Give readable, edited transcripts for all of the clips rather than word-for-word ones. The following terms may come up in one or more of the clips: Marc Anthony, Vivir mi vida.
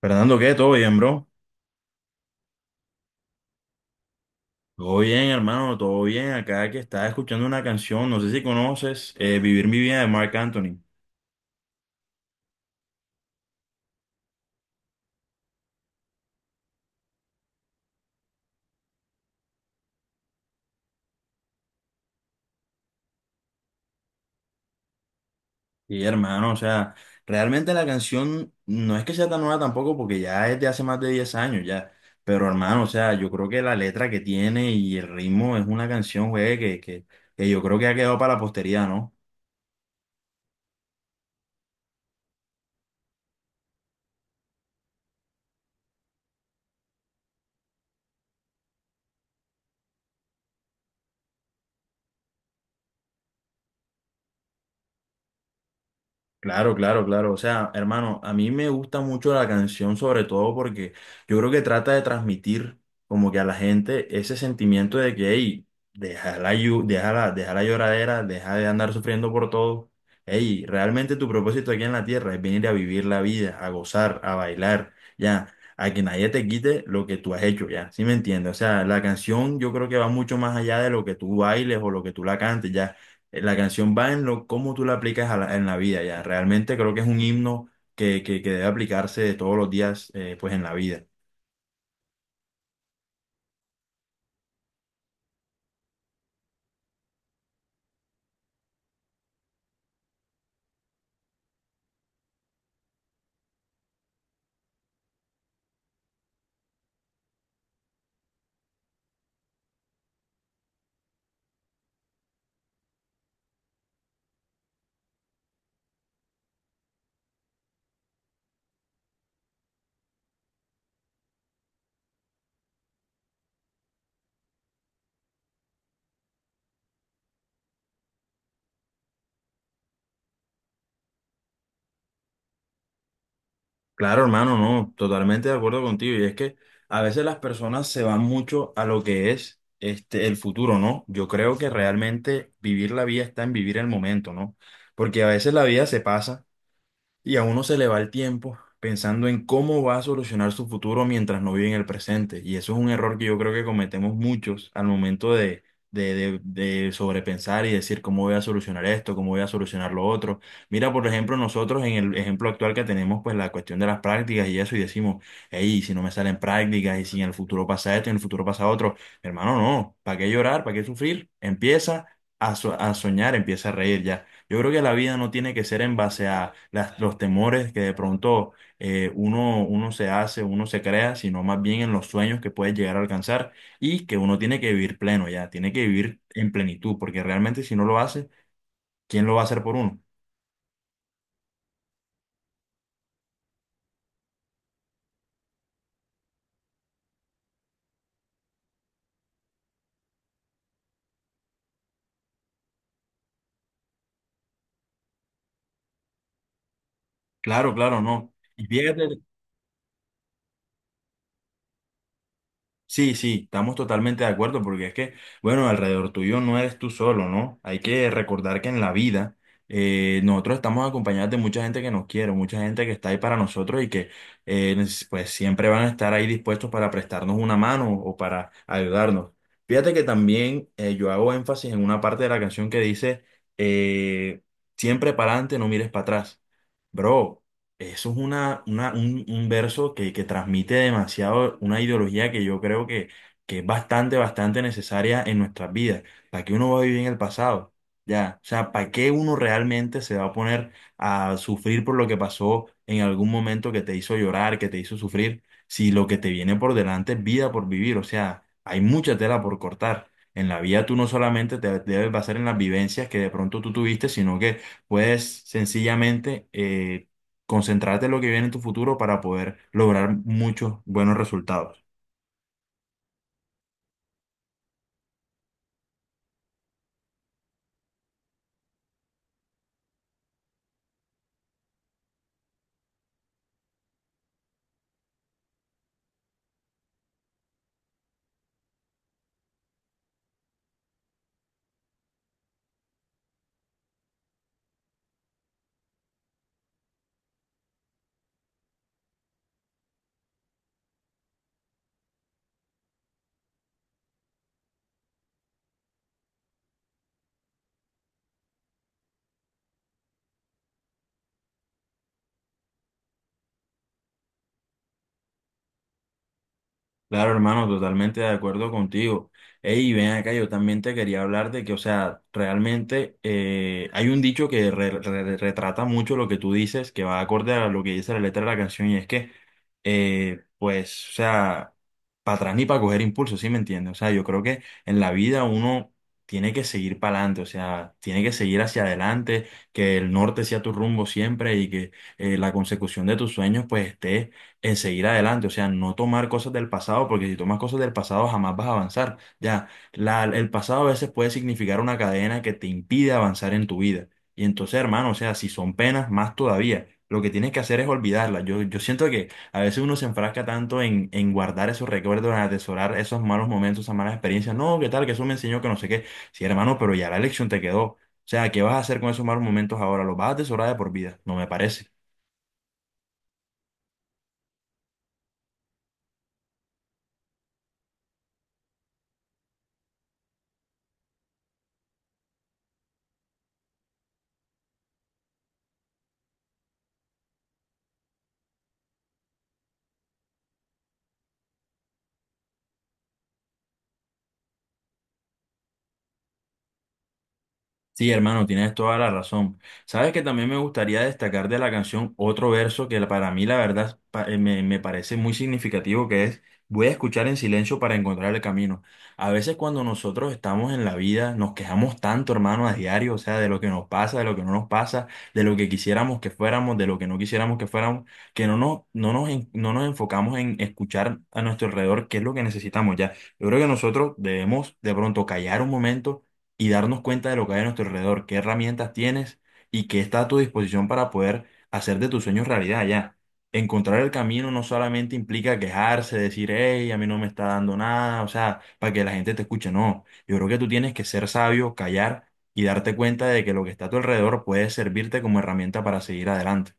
Fernando, ¿qué? ¿Todo bien, bro? Todo bien, hermano, todo bien. Acá que estaba escuchando una canción, no sé si conoces, Vivir mi vida de Marc Anthony. Y hermano, o sea, realmente la canción no es que sea tan nueva tampoco, porque ya es de hace más de 10 años ya. Pero hermano, o sea, yo creo que la letra que tiene y el ritmo es una canción, güey, que yo creo que ha quedado para la posteridad, ¿no? Claro, claro, claro. O sea, hermano, a mí me gusta mucho la canción, sobre todo porque yo creo que trata de transmitir como que a la gente ese sentimiento de que, hey, deja la lloradera, deja de andar sufriendo por todo. Hey, realmente tu propósito aquí en la tierra es venir a vivir la vida, a gozar, a bailar, ya, a que nadie te quite lo que tú has hecho, ya. ¿Sí me entiendes? O sea, la canción yo creo que va mucho más allá de lo que tú bailes o lo que tú la cantes, ya la canción va en lo cómo tú la aplicas en la vida ya. Realmente creo que es un himno que debe aplicarse todos los días pues en la vida. Claro, hermano, no, totalmente de acuerdo contigo. Y es que a veces las personas se van mucho a lo que es este el futuro, ¿no? Yo creo que realmente vivir la vida está en vivir el momento, ¿no? Porque a veces la vida se pasa y a uno se le va el tiempo pensando en cómo va a solucionar su futuro mientras no vive en el presente. Y eso es un error que yo creo que cometemos muchos al momento de sobrepensar y decir cómo voy a solucionar esto, cómo voy a solucionar lo otro. Mira, por ejemplo, nosotros en el ejemplo actual que tenemos, pues la cuestión de las prácticas y eso, y decimos, hey, si no me salen prácticas y si en el futuro pasa esto, en el futuro pasa otro. Hermano, no, ¿para qué llorar? ¿Para qué sufrir? Empieza a soñar, empieza a reír ya. Yo creo que la vida no tiene que ser en base a los temores que de pronto uno se hace, uno se crea, sino más bien en los sueños que puede llegar a alcanzar y que uno tiene que vivir pleno ya, tiene que vivir en plenitud, porque realmente si no lo hace, ¿quién lo va a hacer por uno? Claro, claro, no. Y fíjate. Sí, sí, estamos totalmente de acuerdo porque es que, bueno, alrededor tuyo no eres tú solo, ¿no? Hay que recordar que en la vida nosotros estamos acompañados de mucha gente que nos quiere, mucha gente que está ahí para nosotros y que pues siempre van a estar ahí dispuestos para prestarnos una mano o para ayudarnos. Fíjate que también yo hago énfasis en una parte de la canción que dice, eh, siempre para adelante, no mires para atrás. Bro, eso es un verso que transmite demasiado una ideología que yo creo que es bastante, bastante necesaria en nuestras vidas. ¿Para qué uno va a vivir en el pasado? Ya, o sea, ¿para qué uno realmente se va a poner a sufrir por lo que pasó en algún momento que te hizo llorar, que te hizo sufrir, si lo que te viene por delante es vida por vivir? O sea, hay mucha tela por cortar. En la vida tú no solamente te debes basar en las vivencias que de pronto tú tuviste, sino que puedes sencillamente... concentrarte en lo que viene en tu futuro para poder lograr muchos buenos resultados. Claro, hermano, totalmente de acuerdo contigo. Ey, ven acá, yo también te quería hablar de que, o sea, realmente hay un dicho que retrata mucho lo que tú dices, que va acorde a lo que dice la letra de la canción, y es que, pues, o sea, para atrás ni para coger impulso, ¿sí me entiendes? O sea, yo creo que en la vida uno tiene que seguir para adelante, o sea, tiene que seguir hacia adelante, que el norte sea tu rumbo siempre y que la consecución de tus sueños, pues, esté en seguir adelante, o sea, no tomar cosas del pasado, porque si tomas cosas del pasado jamás vas a avanzar. Ya, el pasado a veces puede significar una cadena que te impide avanzar en tu vida. Y entonces, hermano, o sea, si son penas, más todavía. Lo que tienes que hacer es olvidarlas. Yo siento que a veces uno se enfrasca tanto en guardar esos recuerdos, en atesorar esos malos momentos, esas malas experiencias. No, ¿qué tal? Que eso me enseñó que no sé qué. Sí, hermano, pero ya la lección te quedó. O sea, ¿qué vas a hacer con esos malos momentos ahora? ¿Los vas a atesorar de por vida? No me parece. Sí, hermano, tienes toda la razón. Sabes que también me gustaría destacar de la canción otro verso que para mí la verdad me parece muy significativo, que es voy a escuchar en silencio para encontrar el camino. A veces cuando nosotros estamos en la vida nos quejamos tanto, hermano, a diario, o sea, de lo que nos pasa, de lo que no nos pasa, de lo que quisiéramos que fuéramos, de lo que no quisiéramos que fuéramos, que no nos, no nos, en- no nos enfocamos en escuchar a nuestro alrededor qué es lo que necesitamos ya. Yo creo que nosotros debemos de pronto callar un momento y darnos cuenta de lo que hay a nuestro alrededor, qué herramientas tienes y qué está a tu disposición para poder hacer de tus sueños realidad ya. Encontrar el camino no solamente implica quejarse, decir, hey, a mí no me está dando nada, o sea, para que la gente te escuche, no. Yo creo que tú tienes que ser sabio, callar y darte cuenta de que lo que está a tu alrededor puede servirte como herramienta para seguir adelante.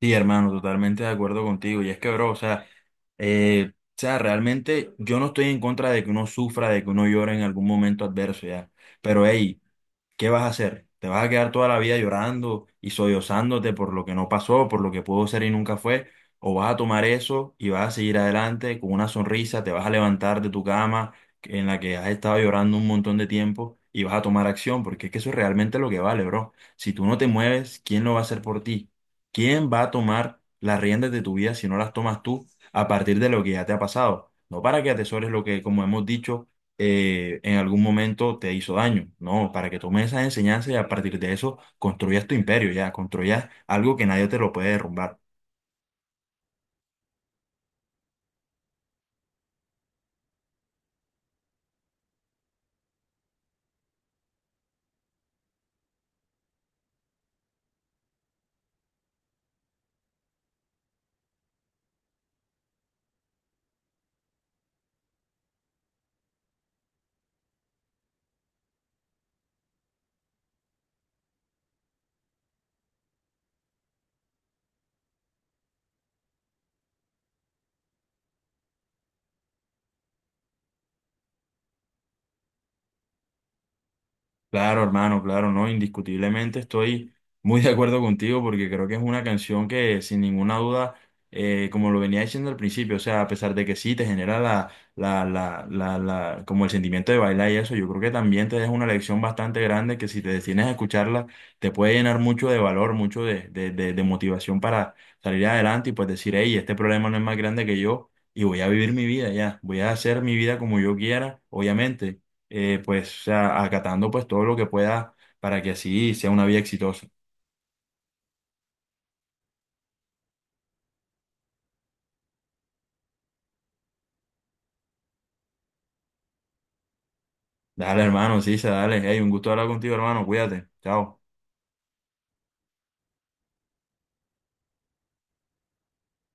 Sí, hermano, totalmente de acuerdo contigo. Y es que, bro, o sea, realmente yo no estoy en contra de que uno sufra, de que uno llore en algún momento adverso, ya. Pero, hey, ¿qué vas a hacer? ¿Te vas a quedar toda la vida llorando y sollozándote por lo que no pasó, por lo que pudo ser y nunca fue? ¿O vas a tomar eso y vas a seguir adelante con una sonrisa, te vas a levantar de tu cama en la que has estado llorando un montón de tiempo y vas a tomar acción? Porque es que eso es realmente lo que vale, bro. Si tú no te mueves, ¿quién lo va a hacer por ti? ¿Quién va a tomar las riendas de tu vida si no las tomas tú a partir de lo que ya te ha pasado? No para que atesores lo que, como hemos dicho, en algún momento te hizo daño, ¿no? Para que tomes esa enseñanza y a partir de eso construyas tu imperio, ya, construyas algo que nadie te lo puede derrumbar. Claro, hermano, claro, no, indiscutiblemente estoy muy de acuerdo contigo porque creo que es una canción que sin ninguna duda, como lo venía diciendo al principio, o sea, a pesar de que sí te genera la, como el sentimiento de bailar y eso, yo creo que también te deja una lección bastante grande que si te decides a escucharla, te puede llenar mucho de valor, mucho de motivación para salir adelante y pues decir, hey, este problema no es más grande que yo y voy a vivir mi vida ya, voy a hacer mi vida como yo quiera, obviamente pues, o sea, acatando pues todo lo que pueda para que así sea una vida exitosa. Dale, hermano, sí, dale. Hey, un gusto hablar contigo, hermano. Cuídate. Chao.